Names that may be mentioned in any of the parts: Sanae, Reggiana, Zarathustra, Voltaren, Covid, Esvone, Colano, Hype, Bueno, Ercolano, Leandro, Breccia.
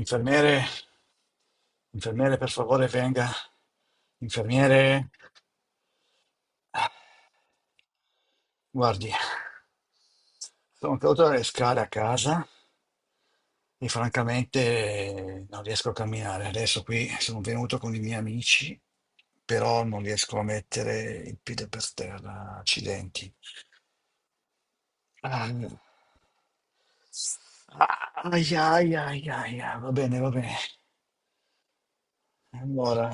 Infermiere, infermiere, per favore, venga. Infermiere, guardi, sono caduto dalle scale a casa e francamente non riesco a camminare. Adesso qui sono venuto con i miei amici, però non riesco a mettere il piede per terra. Accidenti. Ah, ah, ai, ai, ai, ai, ai, va bene, va bene. Allora,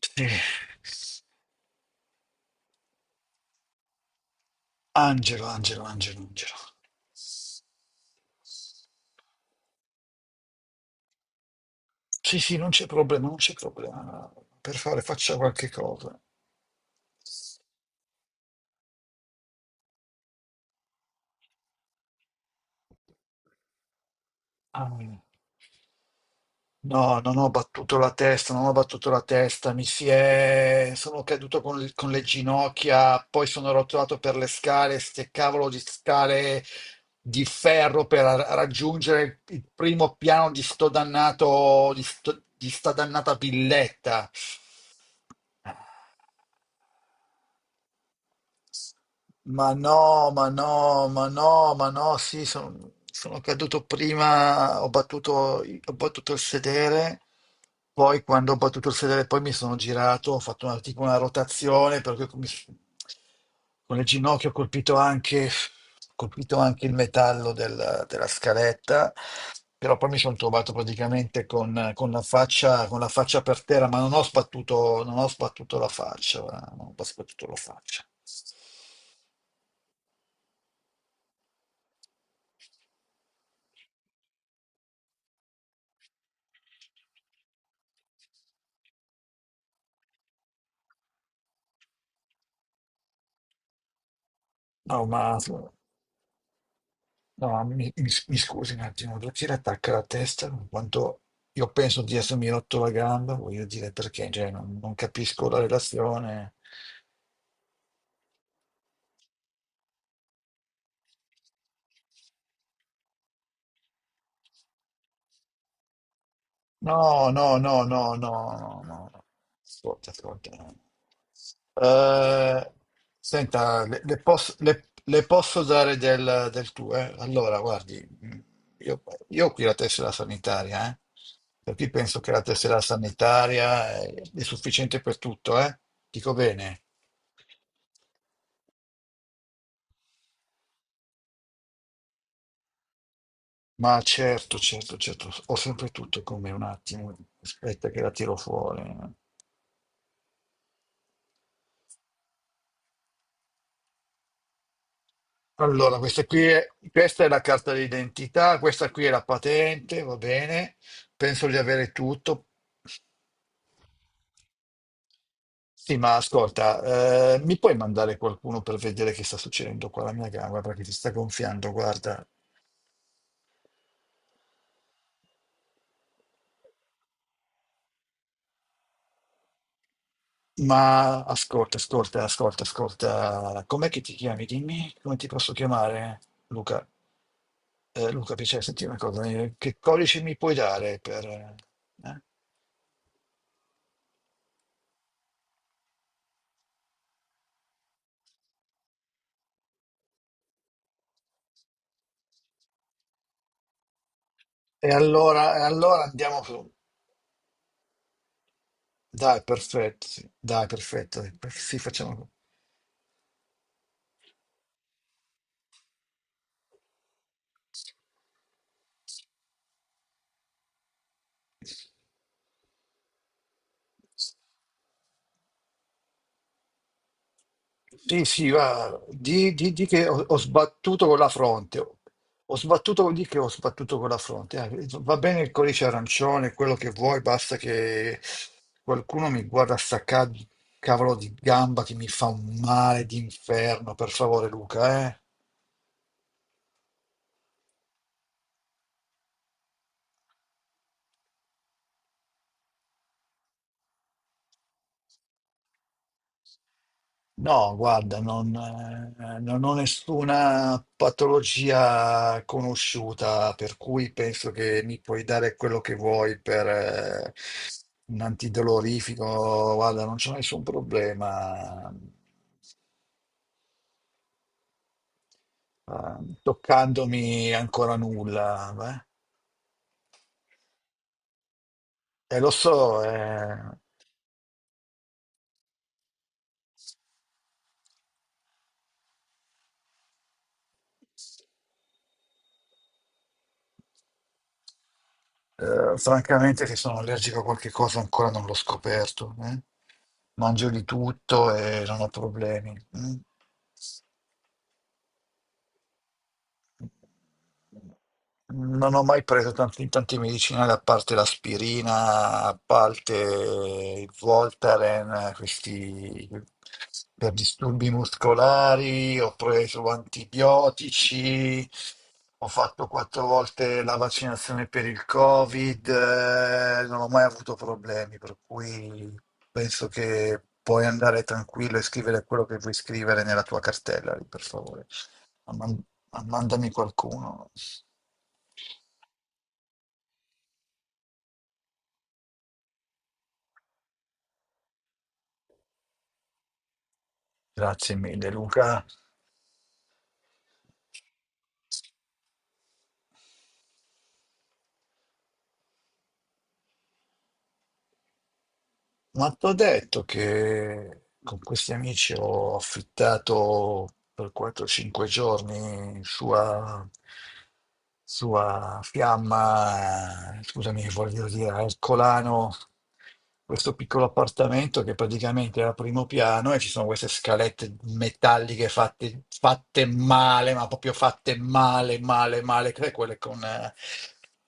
sì. Angelo, Angelo, Angelo, Angelo. Sì, sì, non c'è problema, non c'è problema. Per fare faccia qualche cosa. Ah, no, non ho battuto la testa, non ho battuto la testa, mi si è... sono caduto con le ginocchia, poi sono rotolato per le scale, ste cavolo di scale di ferro per raggiungere il primo piano di sto dannato, di, di sta dannata villetta. Ma no, ma no, ma no, ma no, sì, sono, sono caduto prima, ho battuto il sedere, poi quando ho battuto il sedere poi mi sono girato, ho fatto una, tipo una rotazione, per cui con il ginocchio ho colpito anche il metallo della scaletta, però poi mi sono trovato praticamente con la faccia per terra, ma non ho sbattuto, non ho sbattuto la faccia, guarda, non ho sbattuto la faccia. No, ma no, ma mi, mi scusi un attimo, Drucchi le attacca la testa in quanto io penso di essermi rotto la gamba, voglio dire perché, cioè, non, non capisco la relazione. No, no, no, no, no, no, no, no. Ascolta, ascolta. Eh, senta, le posso, le posso dare del, del tuo, eh? Allora, guardi, io, io ho qui la tessera sanitaria, eh? Per cui penso che la tessera sanitaria è sufficiente per tutto, eh? Dico bene. Ma certo, certo, certo, ho sempre tutto con me, un attimo, aspetta che la tiro fuori. Allora, questa qui è, questa è la carta d'identità, questa qui è la patente, va bene? Penso di avere tutto. Sì, ma ascolta, mi puoi mandare qualcuno per vedere che sta succedendo qua alla mia gamba perché si sta gonfiando, guarda. Ma ascolta, ascolta, ascolta, ascolta. Com'è che ti chiami? Dimmi come ti posso chiamare, Luca. Luca, piacere, senti una cosa, che codice mi puoi dare per... eh? E allora andiamo su. Dai, perfetto. Sì. Dai, perfetto. Sì, facciamo. Sì, sì, va. Di, di che ho, ho sbattuto con la fronte. Ho sbattuto, di che ho sbattuto con la fronte. Ah, eh, va bene il codice arancione, quello che vuoi, basta che qualcuno mi guarda sta cavolo di gamba che mi fa un male d'inferno, per favore, Luca, eh. No, guarda, non, non ho nessuna patologia conosciuta, per cui penso che mi puoi dare quello che vuoi per un antidolorifico. Guarda, non c'è nessun problema, toccandomi ancora nulla. Eh. E lo so, francamente che sono allergico a qualche cosa ancora non l'ho scoperto. Eh. Mangio di tutto e non ho problemi. Mm. Non ho mai preso tanti, tante medicinali, a parte l'aspirina, a parte il Voltaren, questi per disturbi muscolari, ho preso antibiotici, ho fatto 4 volte la vaccinazione per il Covid, non ho mai avuto problemi, per cui penso che puoi andare tranquillo e scrivere quello che vuoi scrivere nella tua cartella, lì, per favore. Ma mandami qualcuno. Grazie mille, Luca. Ma ti ho detto che con questi amici ho affittato per 4-5 giorni sua, sua fiamma, scusami, voglio dire, al Colano, questo piccolo appartamento che praticamente è al primo piano e ci sono queste scalette metalliche fatte, fatte male, ma proprio fatte male, male, male, che è quelle con...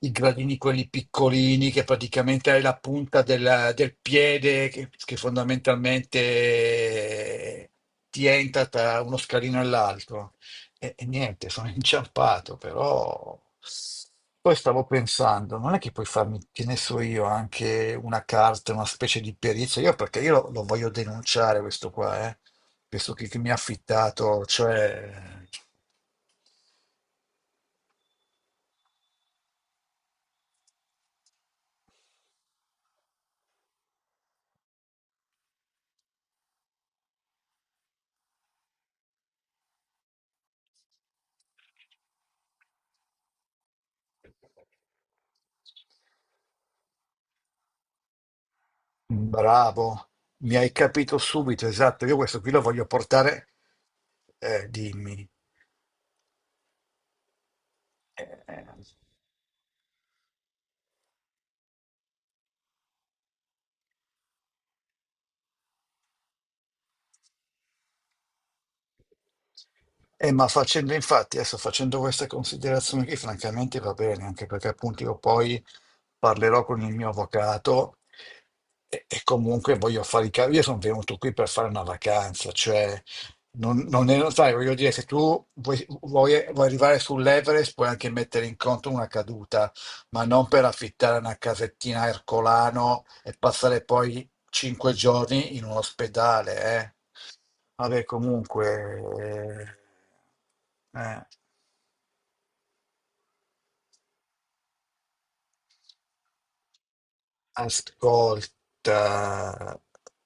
i gradini quelli piccolini che praticamente hai la punta del, del piede che fondamentalmente ti entra tra uno scalino e l'altro. E niente, sono inciampato, però poi stavo pensando, non è che puoi farmi, che ne so io, anche una carta, una specie di perizia, io perché io lo, lo voglio denunciare questo qua, eh. Questo che mi ha affittato, cioè... Bravo, mi hai capito subito, esatto. Io questo qui lo voglio portare, dimmi. Eh, Eh, ma facendo infatti, adesso facendo questa considerazione qui, francamente va bene, anche perché appunto io poi parlerò con il mio avvocato e comunque voglio fare i cavi. Io sono venuto qui per fare una vacanza, cioè non, non è, sai, voglio dire, se tu vuoi, vuoi arrivare sull'Everest puoi anche mettere in conto una caduta, ma non per affittare una casettina a Ercolano e passare poi 5 giorni in un ospedale, eh. Vabbè, comunque, eh, eh, ascolta,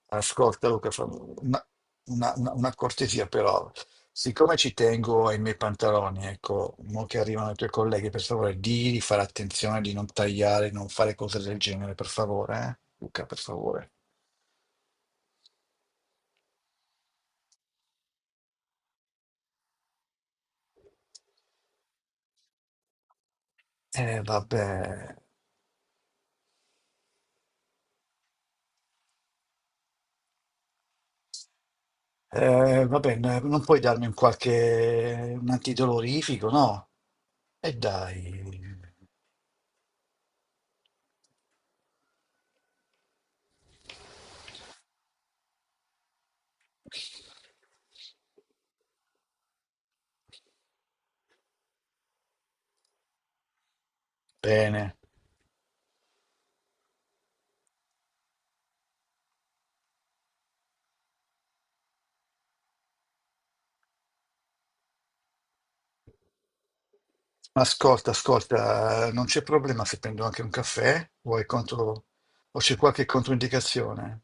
ascolta Luca, una, una cortesia però, siccome ci tengo ai miei pantaloni, ecco, mo che arrivano i tuoi colleghi, per favore, di fare attenzione, di non tagliare, non fare cose del genere, per favore, eh? Luca, per favore. Vabbè. Vabbè, non puoi darmi un qualche un antidolorifico, no? E dai. Bene. Ascolta, ascolta, non c'è problema se prendo anche un caffè? Vuoi contro... o c'è qualche controindicazione?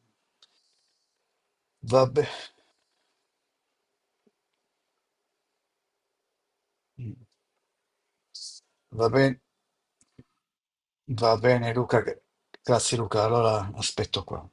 Vabbè. Va bene, va bene Luca, grazie Luca, allora aspetto qua.